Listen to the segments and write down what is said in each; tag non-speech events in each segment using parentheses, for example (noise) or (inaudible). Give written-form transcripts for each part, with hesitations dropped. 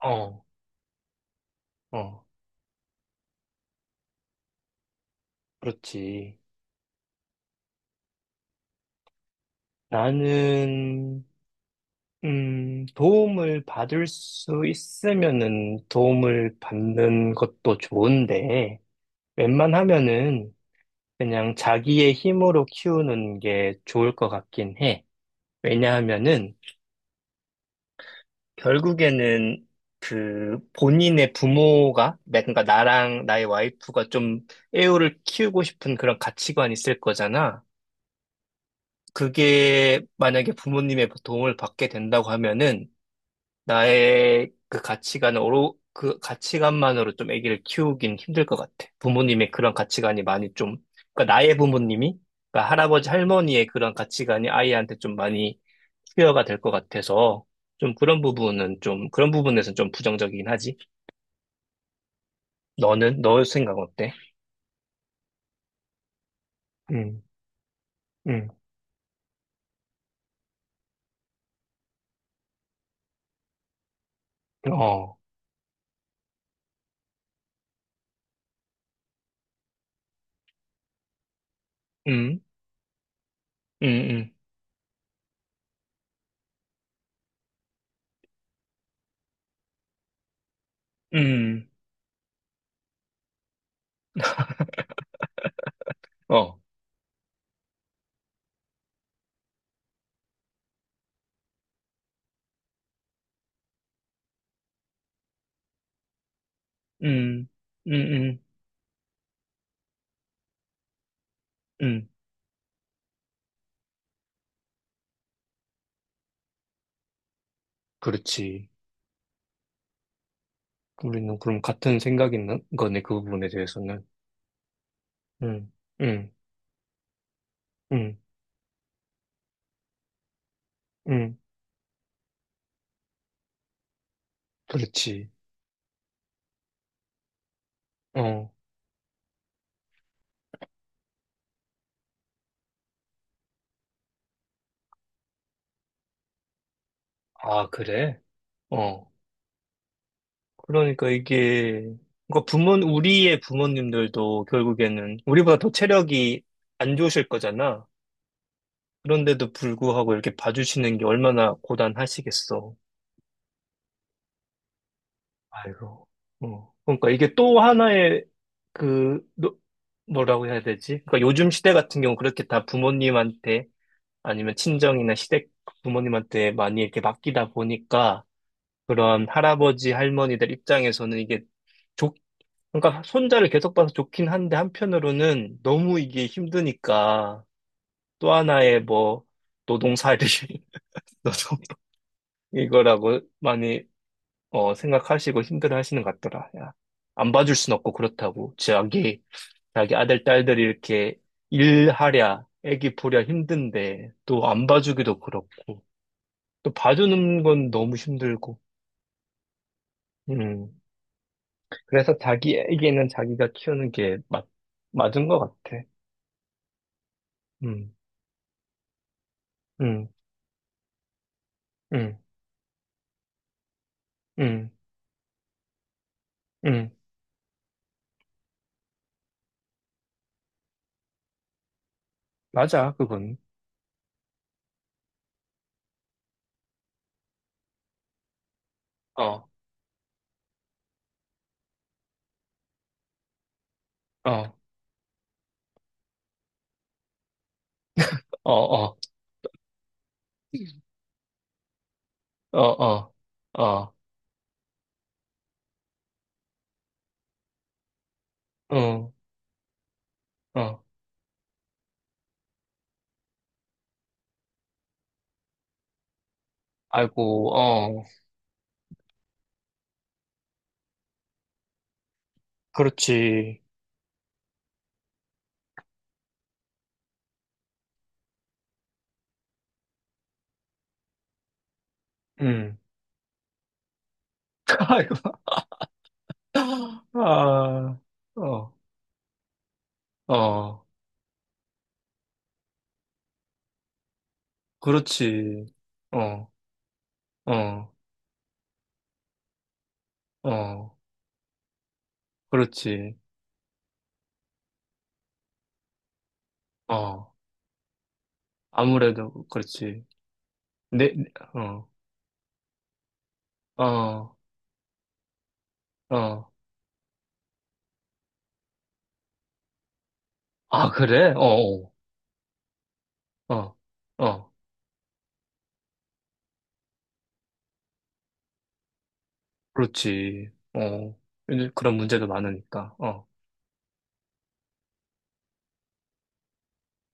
어, 어, 그렇지. 나는, 도움을 받을 수 있으면은 도움을 받는 것도 좋은데, 웬만하면은 그냥 자기의 힘으로 키우는 게 좋을 것 같긴 해. 왜냐하면은 결국에는 그 본인의 부모가, 그러니까 나랑 나의 와이프가 좀 애우를 키우고 싶은 그런 가치관이 있을 거잖아. 그게 만약에 부모님의 도움을 받게 된다고 하면은 나의 그 가치관으로 그 가치관만으로 좀 아기를 키우긴 힘들 것 같아. 부모님의 그런 가치관이 많이 좀 그러니까 나의 부모님이 그러니까 할아버지 할머니의 그런 가치관이 아이한테 좀 많이 투여가 될 것 같아서 좀 그런 부분에서는 좀 부정적이긴 하지. 너는 너 생각 어때? 음, 음, 어, 음, 음, 음, 음, 어, 음, 음, 음. 음. 그렇지. 우리는 그럼 같은 생각 있는 거네, 그 부분에 대해서는. 응, 응, 응, 응. 그렇지. 어. 아, 그래? 어. 그러니까 이게, 우리의 부모님들도 결국에는 우리보다 더 체력이 안 좋으실 거잖아. 그런데도 불구하고 이렇게 봐주시는 게 얼마나 고단하시겠어. 아이고. 어. 그러니까 이게 또 하나의 그, 뭐라고 해야 되지? 그러니까 요즘 시대 같은 경우 그렇게 다 부모님한테 아니면 친정이나 시댁 부모님한테 많이 이렇게 맡기다 보니까 그런 할아버지 할머니들 입장에서는 이게 좋, 그러니까 손자를 계속 봐서 좋긴 한데 한편으로는 너무 이게 힘드니까 또 하나의 뭐 노동살이 (laughs) 노동 이거라고 많이 생각하시고 힘들어 하시는 것 같더라. 야, 안 봐줄 순 없고 그렇다고 자기 아들 딸들이 이렇게 일하랴 애기 보랴 힘든데 또 안 봐주기도 그렇고 또 봐주는 건 너무 힘들고. 음. 그래서 자기에게는 자기가 키우는 게 맞은 것 같아. 음, 음, 음, 음, 음. 맞아, 그건. 어, 어, 어, 어, 어, 어, 어, 응, 어. 아이고, 어, 그렇지. 음. (laughs) 아이고, 아, 어, 어, 그렇지. 어, 어, 어, 그렇지. 어, 아무래도 그렇지. 네, 네, 어, 어, 어. 아, 그래? 어, 어, 어, 어. 그렇지. 어. 그런 문제도 많으니까. 어.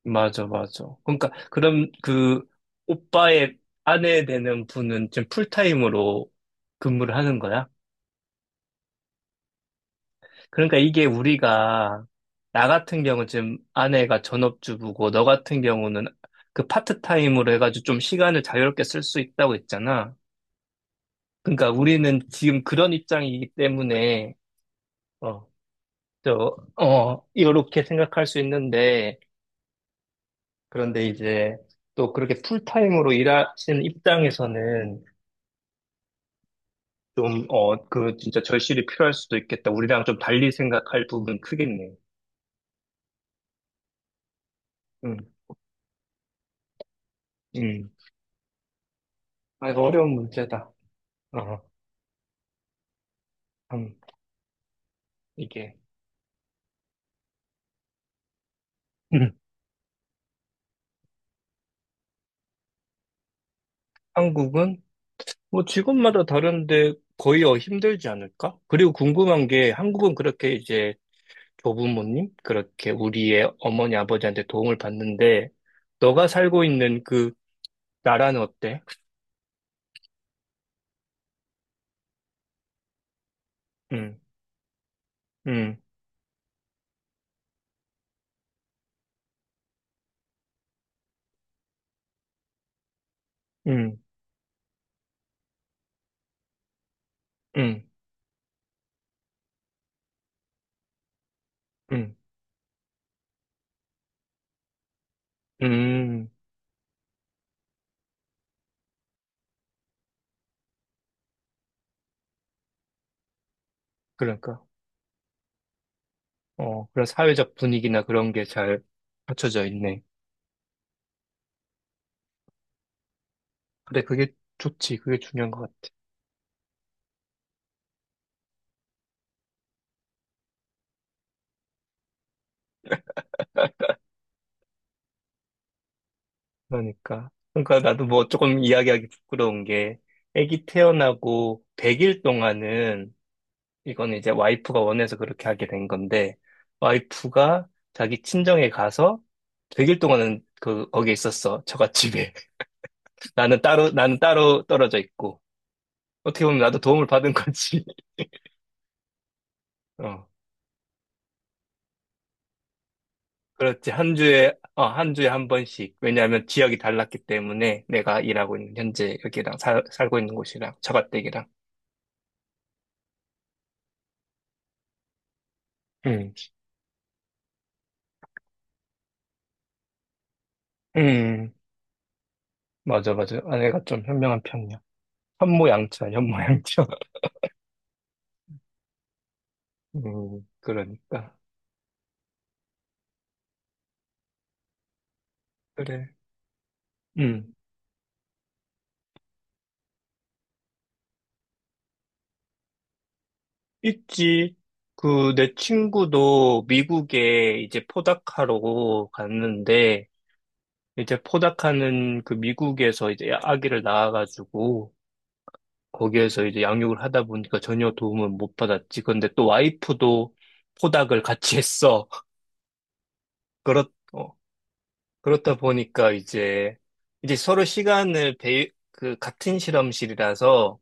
맞아, 맞아. 그러니까, 그럼 그 오빠의 아내 되는 분은 지금 풀타임으로 근무를 하는 거야? 그러니까 이게 우리가, 나 같은 경우 지금 아내가 전업주부고, 너 같은 경우는 그 파트타임으로 해가지고 좀 시간을 자유롭게 쓸 수 있다고 했잖아. 그러니까 우리는 지금 그런 입장이기 때문에, 어, 이렇게 생각할 수 있는데, 그런데 이제 또 그렇게 풀타임으로 일하시는 입장에서는 좀, 그 진짜 절실히 필요할 수도 있겠다. 우리랑 좀 달리 생각할 부분 크겠네. 음, 음. 아, 이거 어려운 문제다. 어, 참, 이게. 음. 한국은 뭐 직업마다 다른데 거의 힘들지 않을까? 그리고 궁금한 게 한국은 그렇게 이제 조부모님? 그렇게 우리의 어머니, 아버지한테 도움을 받는데, 너가 살고 있는 그 나라는 어때? 음, 음, 음, 음, 음, 음, 그러니까. 어, 그런 사회적 분위기나 그런 게 잘 갖춰져 있네. 그래, 그게 좋지. 그게 중요한 것 같아. 그러니까. 그러니까 나도 뭐 조금 이야기하기 부끄러운 게, 아기 태어나고 100일 동안은 이건 이제 와이프가 원해서 그렇게 하게 된 건데, 와이프가 자기 친정에 가서 100일 동안은 그, 거기에 있었어. 처갓집에. (laughs) 나는 따로 떨어져 있고. 어떻게 보면 나도 도움을 받은 거지. (laughs) 어, 그렇지. 한 주에 한 번씩. 왜냐하면 지역이 달랐기 때문에 내가 일하고 있는 현재 여기랑 살고 있는 곳이랑 처갓댁이랑. 음, 음, 맞아, 맞아. 아내가 좀 현명한 편이야. 현모양처, 현모양처. (laughs) 그러니까. 그래. 음. 있지. 그, 내 친구도 미국에 이제 포닥하러 갔는데, 이제 포닥하는 그 미국에서 이제 아기를 낳아가지고, 거기에서 이제 양육을 하다 보니까 전혀 도움을 못 받았지. 근데 또 와이프도 포닥을 같이 했어. (laughs) 그렇, 어, 그렇다 보니까 이제 서로 시간을 같은 실험실이라서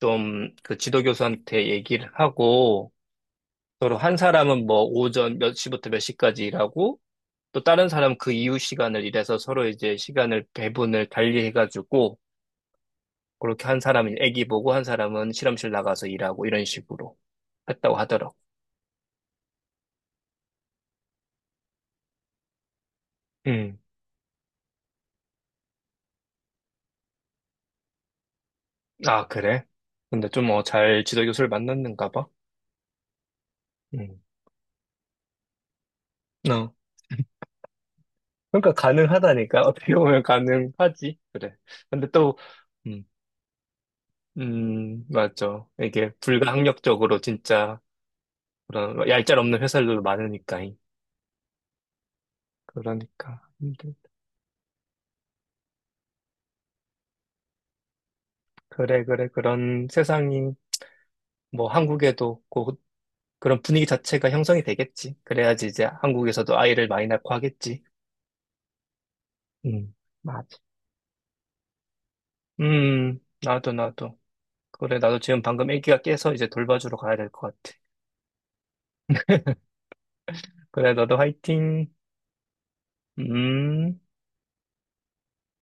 좀 그 지도교수한테 얘기를 하고, 서로 한 사람은 뭐 오전 몇 시부터 몇 시까지 일하고 또 다른 사람은 그 이후 시간을 일해서 서로 이제 시간을 배분을 달리 해가지고 그렇게 한 사람은 애기 보고 한 사람은 실험실 나가서 일하고 이런 식으로 했다고 하더라고. 음. 아, 그래? 근데 좀 잘 지도 교수를 만났는가 봐. 음. 어. 그러니까 가능하다니까. (laughs) 어떻게 보면 가능하지. 그래. 근데 또, 음, 맞죠. 이게 불가항력적으로 진짜 그런 얄짤 없는 회사들도 많으니까. 그러니까. 그래, 그래. 그런 세상이 뭐 한국에도 곧 그런 분위기 자체가 형성이 되겠지. 그래야지 이제 한국에서도 아이를 많이 낳고 하겠지. 음, 맞아. 나도, 나도. 그래, 나도 지금 방금 애기가 깨서 이제 돌봐주러 가야 될 것 같아. 그래, 너도 화이팅. 음.